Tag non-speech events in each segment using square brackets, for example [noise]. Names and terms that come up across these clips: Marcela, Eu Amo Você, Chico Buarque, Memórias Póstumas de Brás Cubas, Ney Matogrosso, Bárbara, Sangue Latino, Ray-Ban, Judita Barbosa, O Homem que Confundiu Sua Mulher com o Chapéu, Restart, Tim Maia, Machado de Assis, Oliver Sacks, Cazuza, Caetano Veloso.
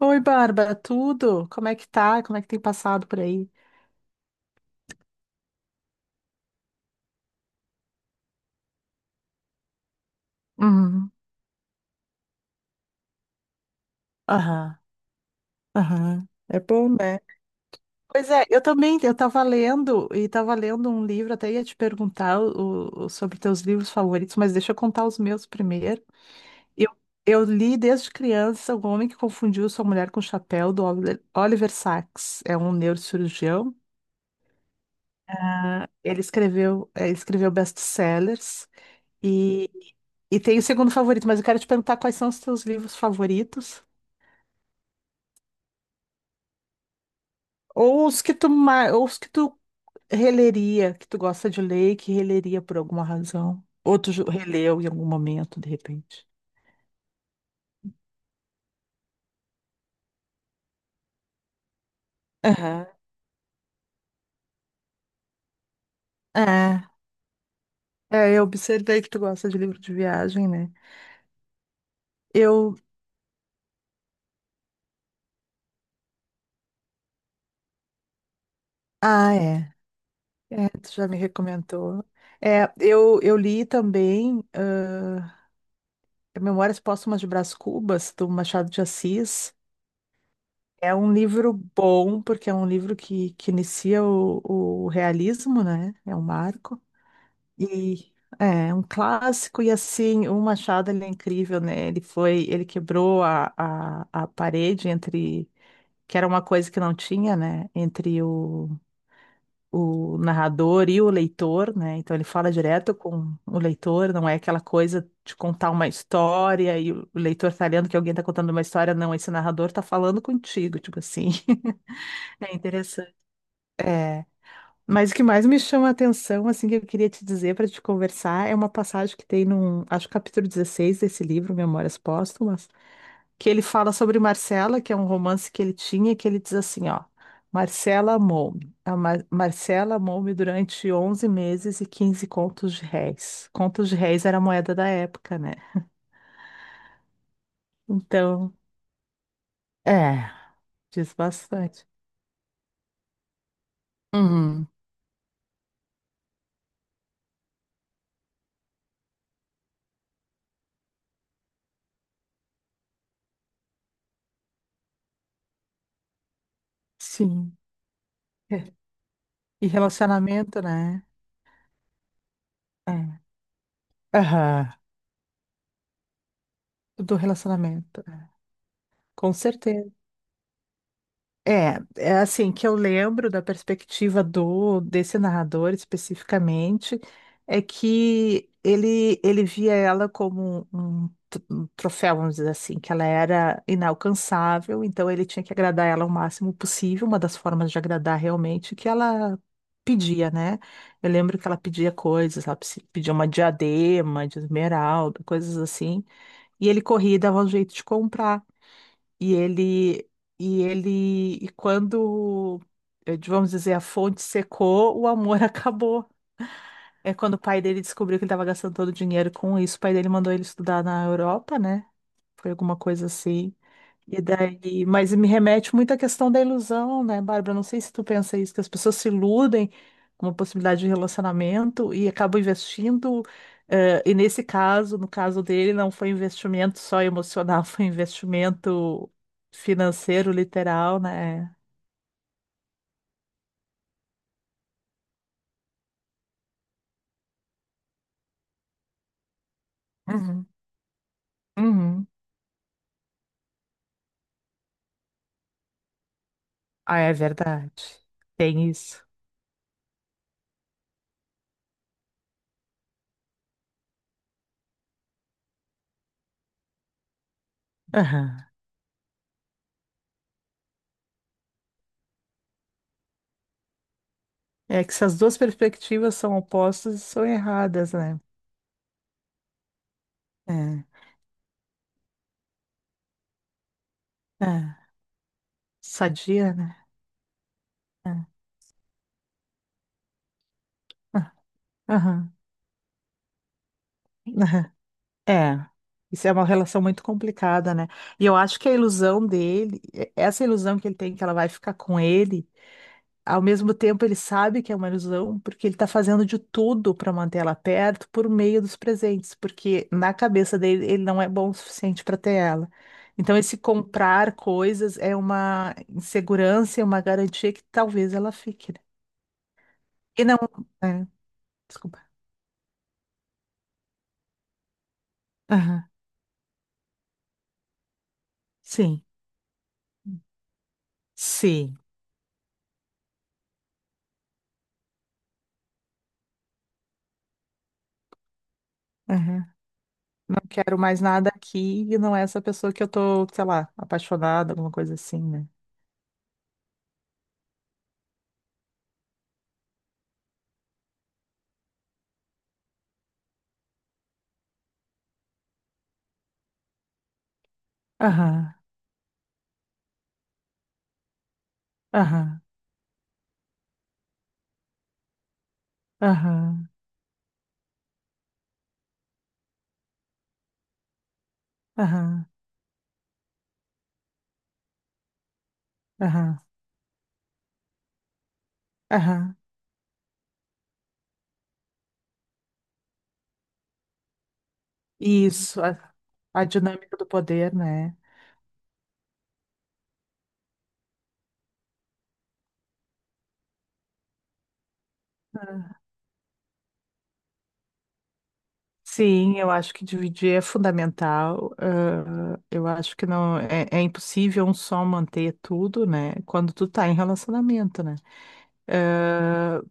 Oi, Bárbara, tudo? Como é que tá? Como é que tem passado por aí? Uhum. Aham, aham. É bom, né? Pois é, eu também, e tava lendo um livro, até ia te perguntar sobre teus livros favoritos, mas deixa eu contar os meus primeiro. Eu, eu li desde criança O Homem que Confundiu Sua Mulher com o Chapéu, do Oliver Sacks. É um neurocirurgião. Ele escreveu best-sellers e, e tem o segundo favorito, mas eu quero te perguntar quais são os teus livros favoritos ou os que tu, ma- ou os que tu releria, que tu gosta de ler e que releria por alguma razão. Ou tu releu em algum momento, de repente. Aham. É, eu observei que tu gosta de livro de viagem, né? Eu. Ah, é. É, tu já me recomendou. É, eu li também. Memórias Póstumas de Brás Cubas, do Machado de Assis. É um livro bom, porque é um livro que inicia o realismo, né? É um marco. E é um clássico, e assim, o Machado, ele é incrível, né? Ele quebrou a parede entre, que era uma coisa que não tinha, né? Entre o narrador e o leitor, né? Então ele fala direto com o leitor, não é aquela coisa de contar uma história e o leitor tá lendo que alguém tá contando uma história, não, esse narrador tá falando contigo, tipo assim. [laughs] É interessante. É. Mas o que mais me chama a atenção, assim, que eu queria te dizer para te conversar, é uma passagem que tem num, acho que capítulo 16 desse livro, Memórias Póstumas, que ele fala sobre Marcela, que é um romance que ele tinha, que ele diz assim, ó, Marcela amou-me. Marcela amou-me durante 11 meses e 15 contos de réis. Contos de réis era a moeda da época, né? Então, é, diz bastante. Uhum. Sim. É. E relacionamento, né? É. Aham. Do relacionamento. É. Com certeza. É, assim que eu lembro da perspectiva do desse narrador especificamente, é que ele via ela como um troféu, vamos dizer assim, que ela era inalcançável, então ele tinha que agradar ela o máximo possível, uma das formas de agradar realmente que ela pedia, né? Eu lembro que ela pedia coisas, ela pedia uma diadema de esmeralda, coisas assim, e ele corria e dava um jeito de comprar. E ele, e quando, vamos dizer, a fonte secou, o amor [laughs] acabou. É quando o pai dele descobriu que ele estava gastando todo o dinheiro com isso, o pai dele mandou ele estudar na Europa, né? Foi alguma coisa assim. E daí, mas me remete muito à questão da ilusão, né, Bárbara? Não sei se tu pensa isso, que as pessoas se iludem com uma possibilidade de relacionamento e acabam investindo. E nesse caso, no caso dele, não foi investimento só emocional, [laughs] foi investimento financeiro, literal, né? Uhum. Uhum. Ah, é verdade. Tem isso. Aham. É que se as duas perspectivas são opostas, são erradas, né? É. É. Sadia, né? É. Ah, aham. É, isso é uma relação muito complicada, né? E eu acho que a ilusão dele, essa ilusão que ele tem que ela vai ficar com ele, ao mesmo tempo ele sabe que é uma ilusão, porque ele tá fazendo de tudo para manter ela perto por meio dos presentes, porque na cabeça dele ele não é bom o suficiente para ter ela. Então esse comprar coisas é uma insegurança e uma garantia que talvez ela fique, né? E não, é, desculpa. Aham. Sim, sim. Não quero mais nada aqui e não é essa pessoa que eu tô, sei lá, apaixonada, alguma coisa assim, né? Aham, aham, aham, aham, aham, aham. Isso, a dinâmica do poder, né? Sim, eu acho que dividir é fundamental. Ah, eu acho que não é, é impossível um só manter tudo, né? Quando tu tá em relacionamento, né? Ah,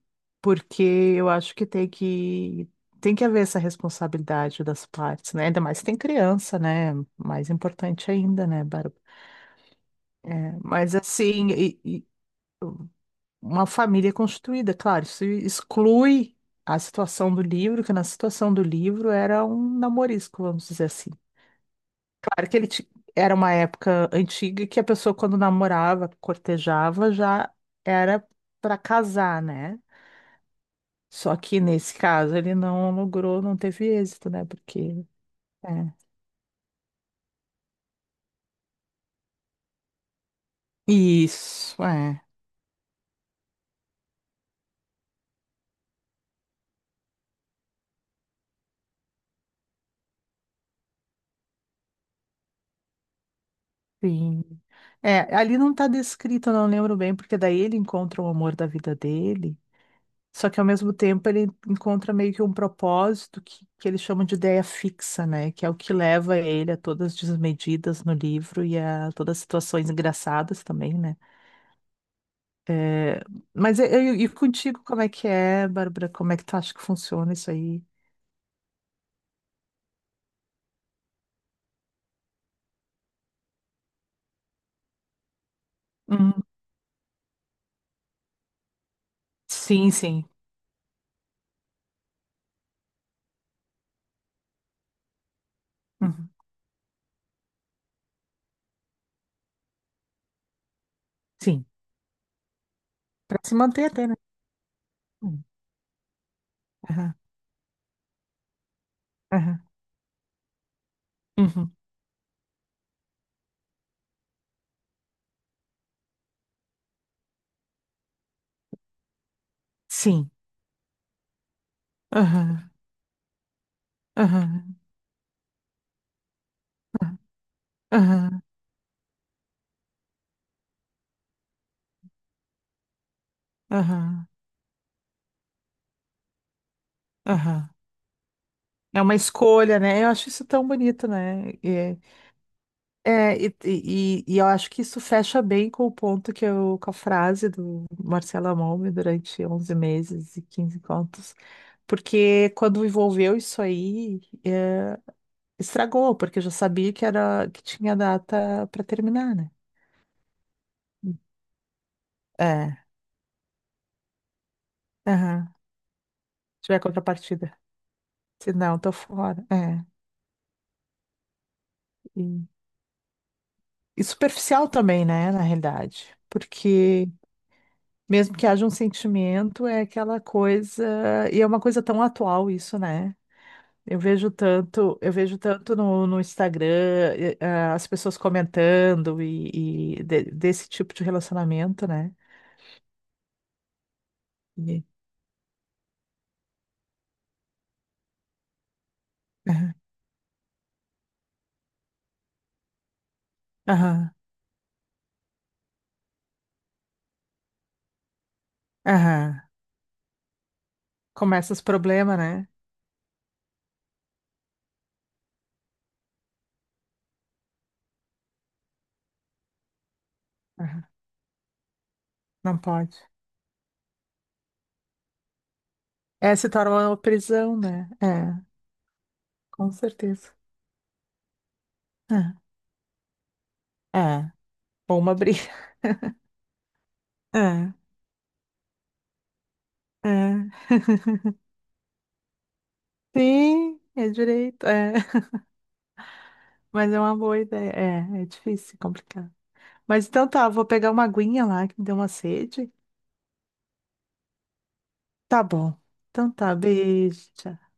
porque eu acho que tem que haver essa responsabilidade das partes, né? Ainda mais se tem criança, né? Mais importante ainda, né, Bárbara? É, mas assim, e uma família constituída, claro, isso exclui a situação do livro, que na situação do livro era um namorisco, vamos dizer assim. Claro que era uma época antiga que a pessoa quando namorava, cortejava, já era para casar, né? Só que nesse caso ele não logrou, não teve êxito, né? Porque. É. Isso, é. Sim. É, ali não tá descrito, eu não lembro bem, porque daí ele encontra o amor da vida dele, só que ao mesmo tempo ele encontra meio que um propósito que eles chamam de ideia fixa, né? Que é o que leva ele a todas as desmedidas no livro e a todas as situações engraçadas também, né? É, mas eu e contigo, como é que é, Bárbara? Como é que tu acha que funciona isso aí? Uhum. Sim, sim. Uhum. Sim, para se manter até, né? Uhum. Aham, aham, uhum. Sim. Aham, aham, aham, aham, aham. É uma escolha, né? Eu acho isso tão bonito, né? E eu acho que isso fecha bem com o ponto que eu, com a frase do Marcelo Amon durante 11 meses e 15 contos, porque quando envolveu isso aí, estragou, porque eu já sabia que tinha data para terminar, né? É, aham, tiver contrapartida. Se não, tô fora. É. E, e superficial também, né, na realidade. Porque mesmo que haja um sentimento, é aquela coisa. E é uma coisa tão atual isso, né? Eu vejo tanto no Instagram, ah, as pessoas comentando e desse tipo de relacionamento, né? E- Aham, aham, aham. Começa os problemas, né? Aham. Não pode. É, se torna uma prisão, né? É, com certeza. É. É, ou uma briga. [laughs] É, é. Sim, é direito, é. Mas é uma boa ideia. É, é difícil, é complicado. Mas então tá, eu vou pegar uma aguinha lá que me deu uma sede. Tá bom. Então tá, beijo. Tchau.